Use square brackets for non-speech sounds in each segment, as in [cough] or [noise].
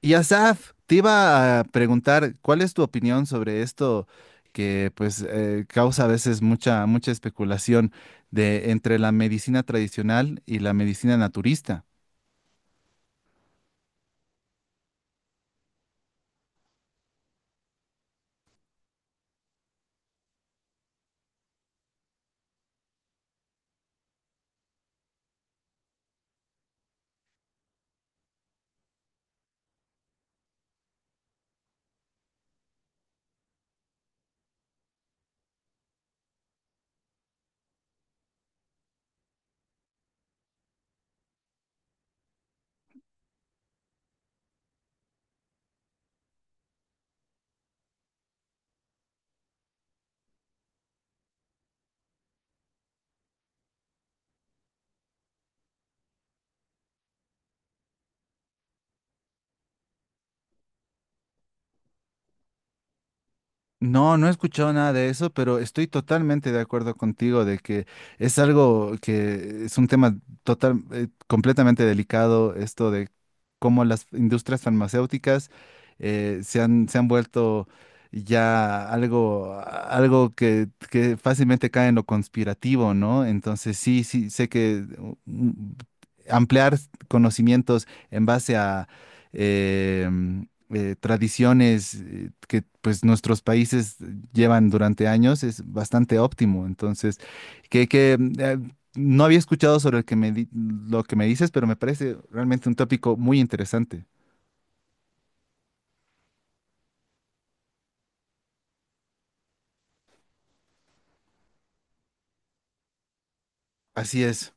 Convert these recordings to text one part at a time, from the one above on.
Y Asaf, te iba a preguntar, ¿cuál es tu opinión sobre esto que pues causa a veces mucha especulación de entre la medicina tradicional y la medicina naturista? No, no he escuchado nada de eso, pero estoy totalmente de acuerdo contigo de que es algo que es un tema total, completamente delicado, esto de cómo las industrias farmacéuticas se han vuelto ya algo, algo que fácilmente cae en lo conspirativo, ¿no? Entonces sí, sí, sé que ampliar conocimientos en base a... em, tradiciones que pues nuestros países llevan durante años es bastante óptimo. Entonces, que no había escuchado sobre el que me di- lo que me dices, pero me parece realmente un tópico muy interesante. Así es.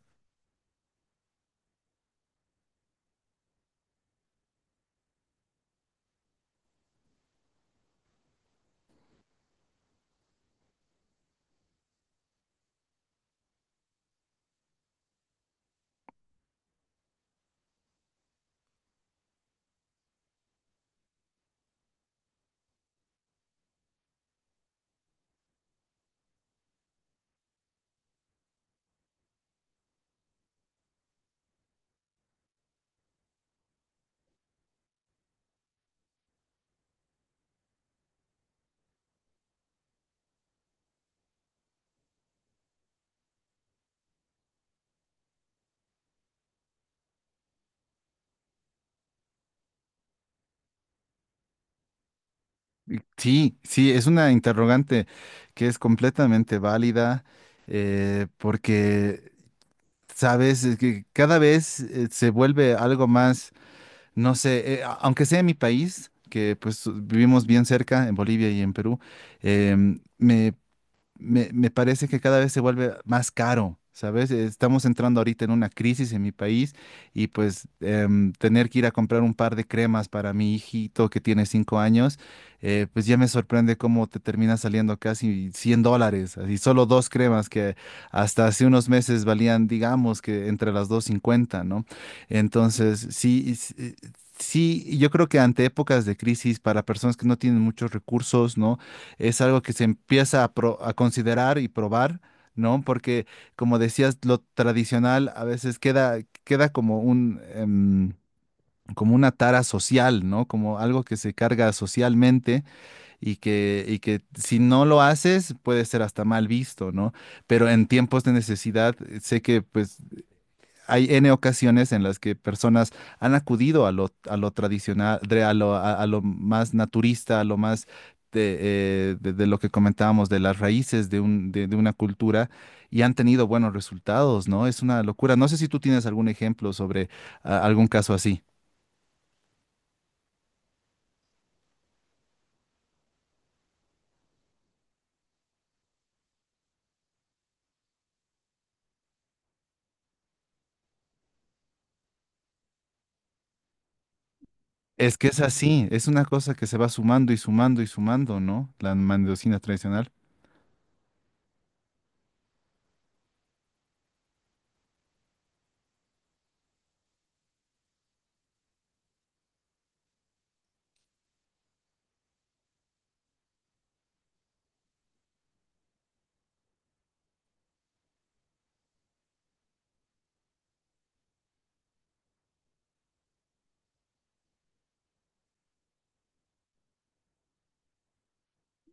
Sí, sí, es una interrogante que es completamente válida porque, sabes, es que cada vez se vuelve algo más no sé, aunque sea en mi país, que pues vivimos bien cerca, en Bolivia y en Perú, eh, me me parece que cada vez se vuelve más caro, ¿sabes? Estamos entrando ahorita en una crisis en mi país y pues tener que ir a comprar un par de cremas para mi hijito que tiene 5 años, pues ya me sorprende cómo te termina saliendo casi $100, así solo dos cremas que hasta hace unos meses valían, digamos, que entre las dos cincuenta, ¿no? Entonces, sí, sí, sí, yo creo que ante épocas de crisis, para personas que no tienen muchos recursos, ¿no? Es algo que se empieza a considerar y probar, ¿no? Porque, como decías, lo tradicional a veces queda, queda como un, como una tara social, ¿no? Como algo que se carga socialmente y que si no lo haces puede ser hasta mal visto, ¿no? Pero en tiempos de necesidad, sé que pues hay N ocasiones en las que personas han acudido a lo tradicional, a lo más naturista, a lo más de, de lo que comentábamos, de las raíces de una cultura y han tenido buenos resultados, ¿no? Es una locura. No sé si tú tienes algún ejemplo sobre algún caso así. Es que es así, es una cosa que se va sumando y sumando y sumando, ¿no? La mandosina tradicional.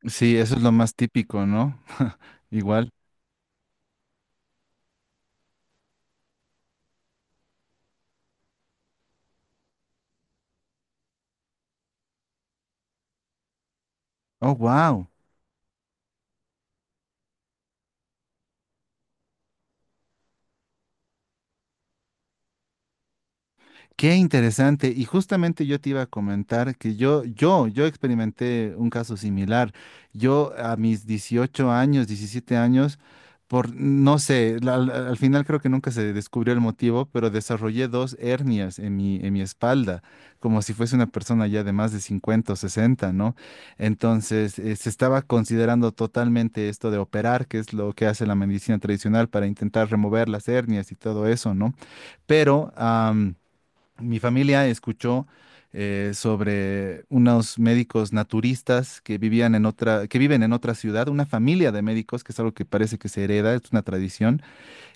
Sí, eso es lo más típico, ¿no? [laughs] Igual. Oh, wow. Qué interesante. Y justamente yo te iba a comentar que yo experimenté un caso similar. Yo a mis 18 años, 17 años, por, no sé, al final creo que nunca se descubrió el motivo, pero desarrollé dos hernias en mi espalda, como si fuese una persona ya de más de 50 o 60, ¿no? Entonces, se estaba considerando totalmente esto de operar, que es lo que hace la medicina tradicional para intentar remover las hernias y todo eso, ¿no? Pero... Mi familia escuchó sobre unos médicos naturistas que vivían en otra, que viven en otra ciudad, una familia de médicos, que es algo que parece que se hereda, es una tradición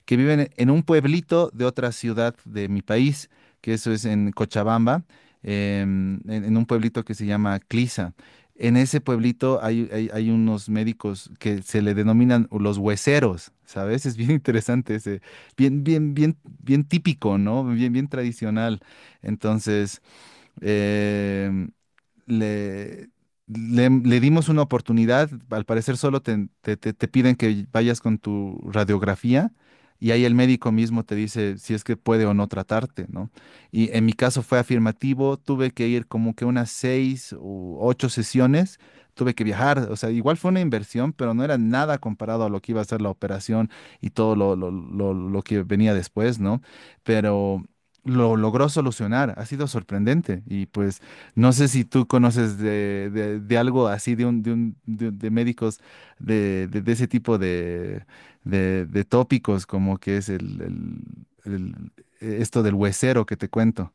que viven en un pueblito de otra ciudad de mi país, que eso es en Cochabamba, en un pueblito que se llama Clisa. En ese pueblito hay, hay unos médicos que se le denominan los hueseros, ¿sabes? Es bien [laughs] interesante ese, bien, bien, bien, bien típico, ¿no? Bien, bien tradicional. Entonces, em, le, le dimos una oportunidad. Al parecer solo te piden que vayas con tu radiografía y ahí el médico mismo te dice si es que puede o no tratarte, ¿no? Y en mi caso fue afirmativo, tuve que ir como que unas 6 u 8 sesiones. Tuve que viajar, o sea, igual fue una inversión, pero no era nada comparado a lo que iba a ser la operación y todo lo que venía después, ¿no? Pero lo logró solucionar, ha sido sorprendente y pues no sé si tú conoces de algo así, de médicos de ese tipo de, de tópicos, como que es el- el- esto del huesero que te cuento.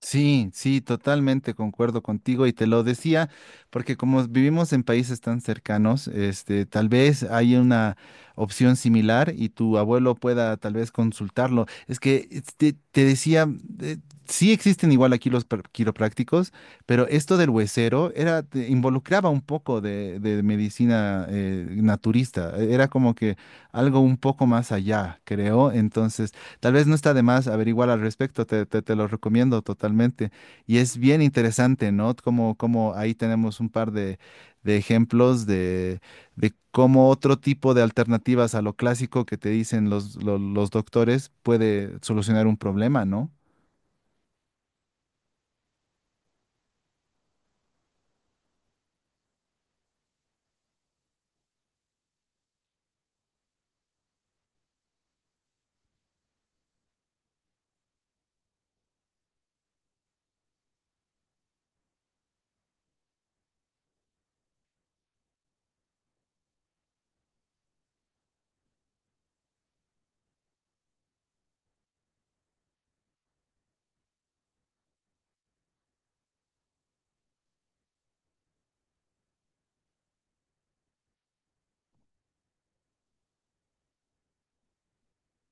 Sí, sí, totalmente concuerdo contigo y te lo decía porque como vivimos en países tan cercanos, este, tal vez hay una opción similar y tu abuelo pueda tal vez consultarlo. Es que te decía, eh, sí existen igual aquí los quiroprácticos, pero esto del huesero era, te involucraba un poco de medicina naturista, e, era como que algo un poco más allá, creo. Entonces... Tal vez no está de más averiguar al respecto, te lo recomiendo totalmente. Y es bien interesante, ¿no? Como, como ahí tenemos un par de ejemplos de cómo otro tipo de alternativas a lo clásico que te dicen los doctores puede solucionar un problema, ¿no?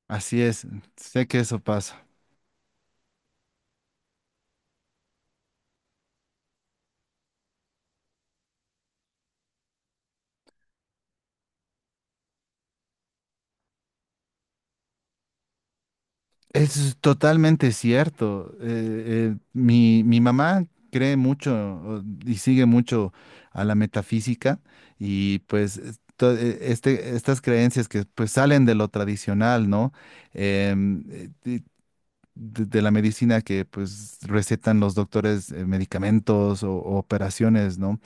Así es, sé que eso pasa. Es totalmente cierto. Mi mamá cree mucho y sigue mucho a la metafísica y pues estas creencias que pues salen de lo tradicional, ¿no? De, de la medicina que pues recetan los doctores medicamentos o operaciones, ¿no?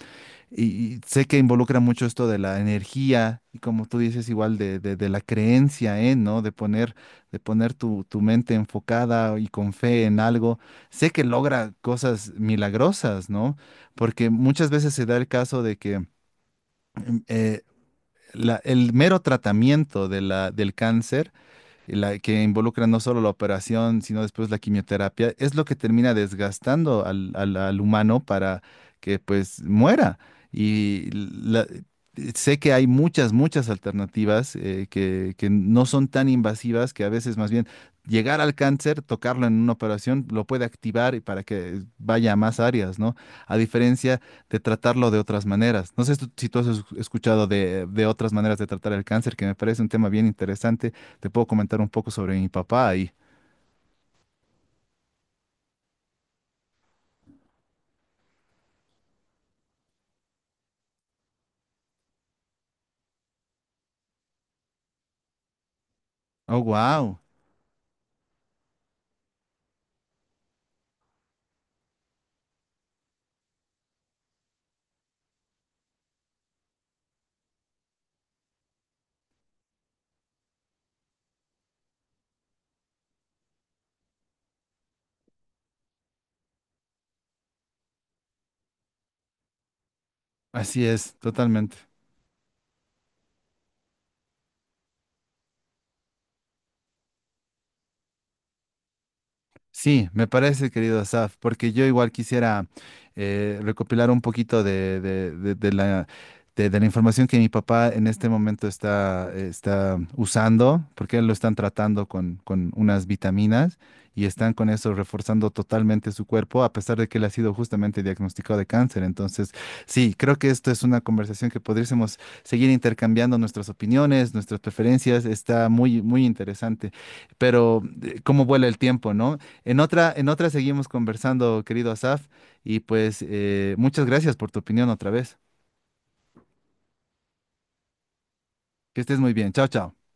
Y sé que involucra mucho esto de la energía y como tú dices, igual de, de la creencia, ¿eh? ¿No? De poner tu mente enfocada y con fe en algo. Sé que logra cosas milagrosas, ¿no? Porque muchas veces se da el caso de que em, eh, el mero tratamiento de la, del cáncer la que involucra no solo la operación, sino después la quimioterapia, es lo que termina desgastando al humano para que pues muera. Y la- sé que hay muchas, muchas alternativas que no son tan invasivas, que a veces más bien llegar al cáncer, tocarlo en una operación, lo puede activar y para que vaya a más áreas, ¿no? A diferencia de tratarlo de otras maneras. No sé si tú has escuchado de otras maneras de tratar el cáncer, que me parece un tema bien interesante. Te puedo comentar un poco sobre mi papá y... Oh, wow. Así es, totalmente. Sí, me parece, querido Asaf, porque yo igual quisiera recopilar un poquito de la información que mi papá en este momento está, está usando, porque él lo están tratando con unas vitaminas y están con eso reforzando totalmente su cuerpo, a pesar de que él ha sido justamente diagnosticado de cáncer. Entonces, sí, creo que esto es una conversación que podríamos seguir intercambiando nuestras opiniones, nuestras preferencias. Está muy, muy interesante, pero cómo vuela el tiempo, ¿no? En otra seguimos conversando, querido Asaf, y pues muchas gracias por tu opinión otra vez. Que estés muy bien. Chao, chao.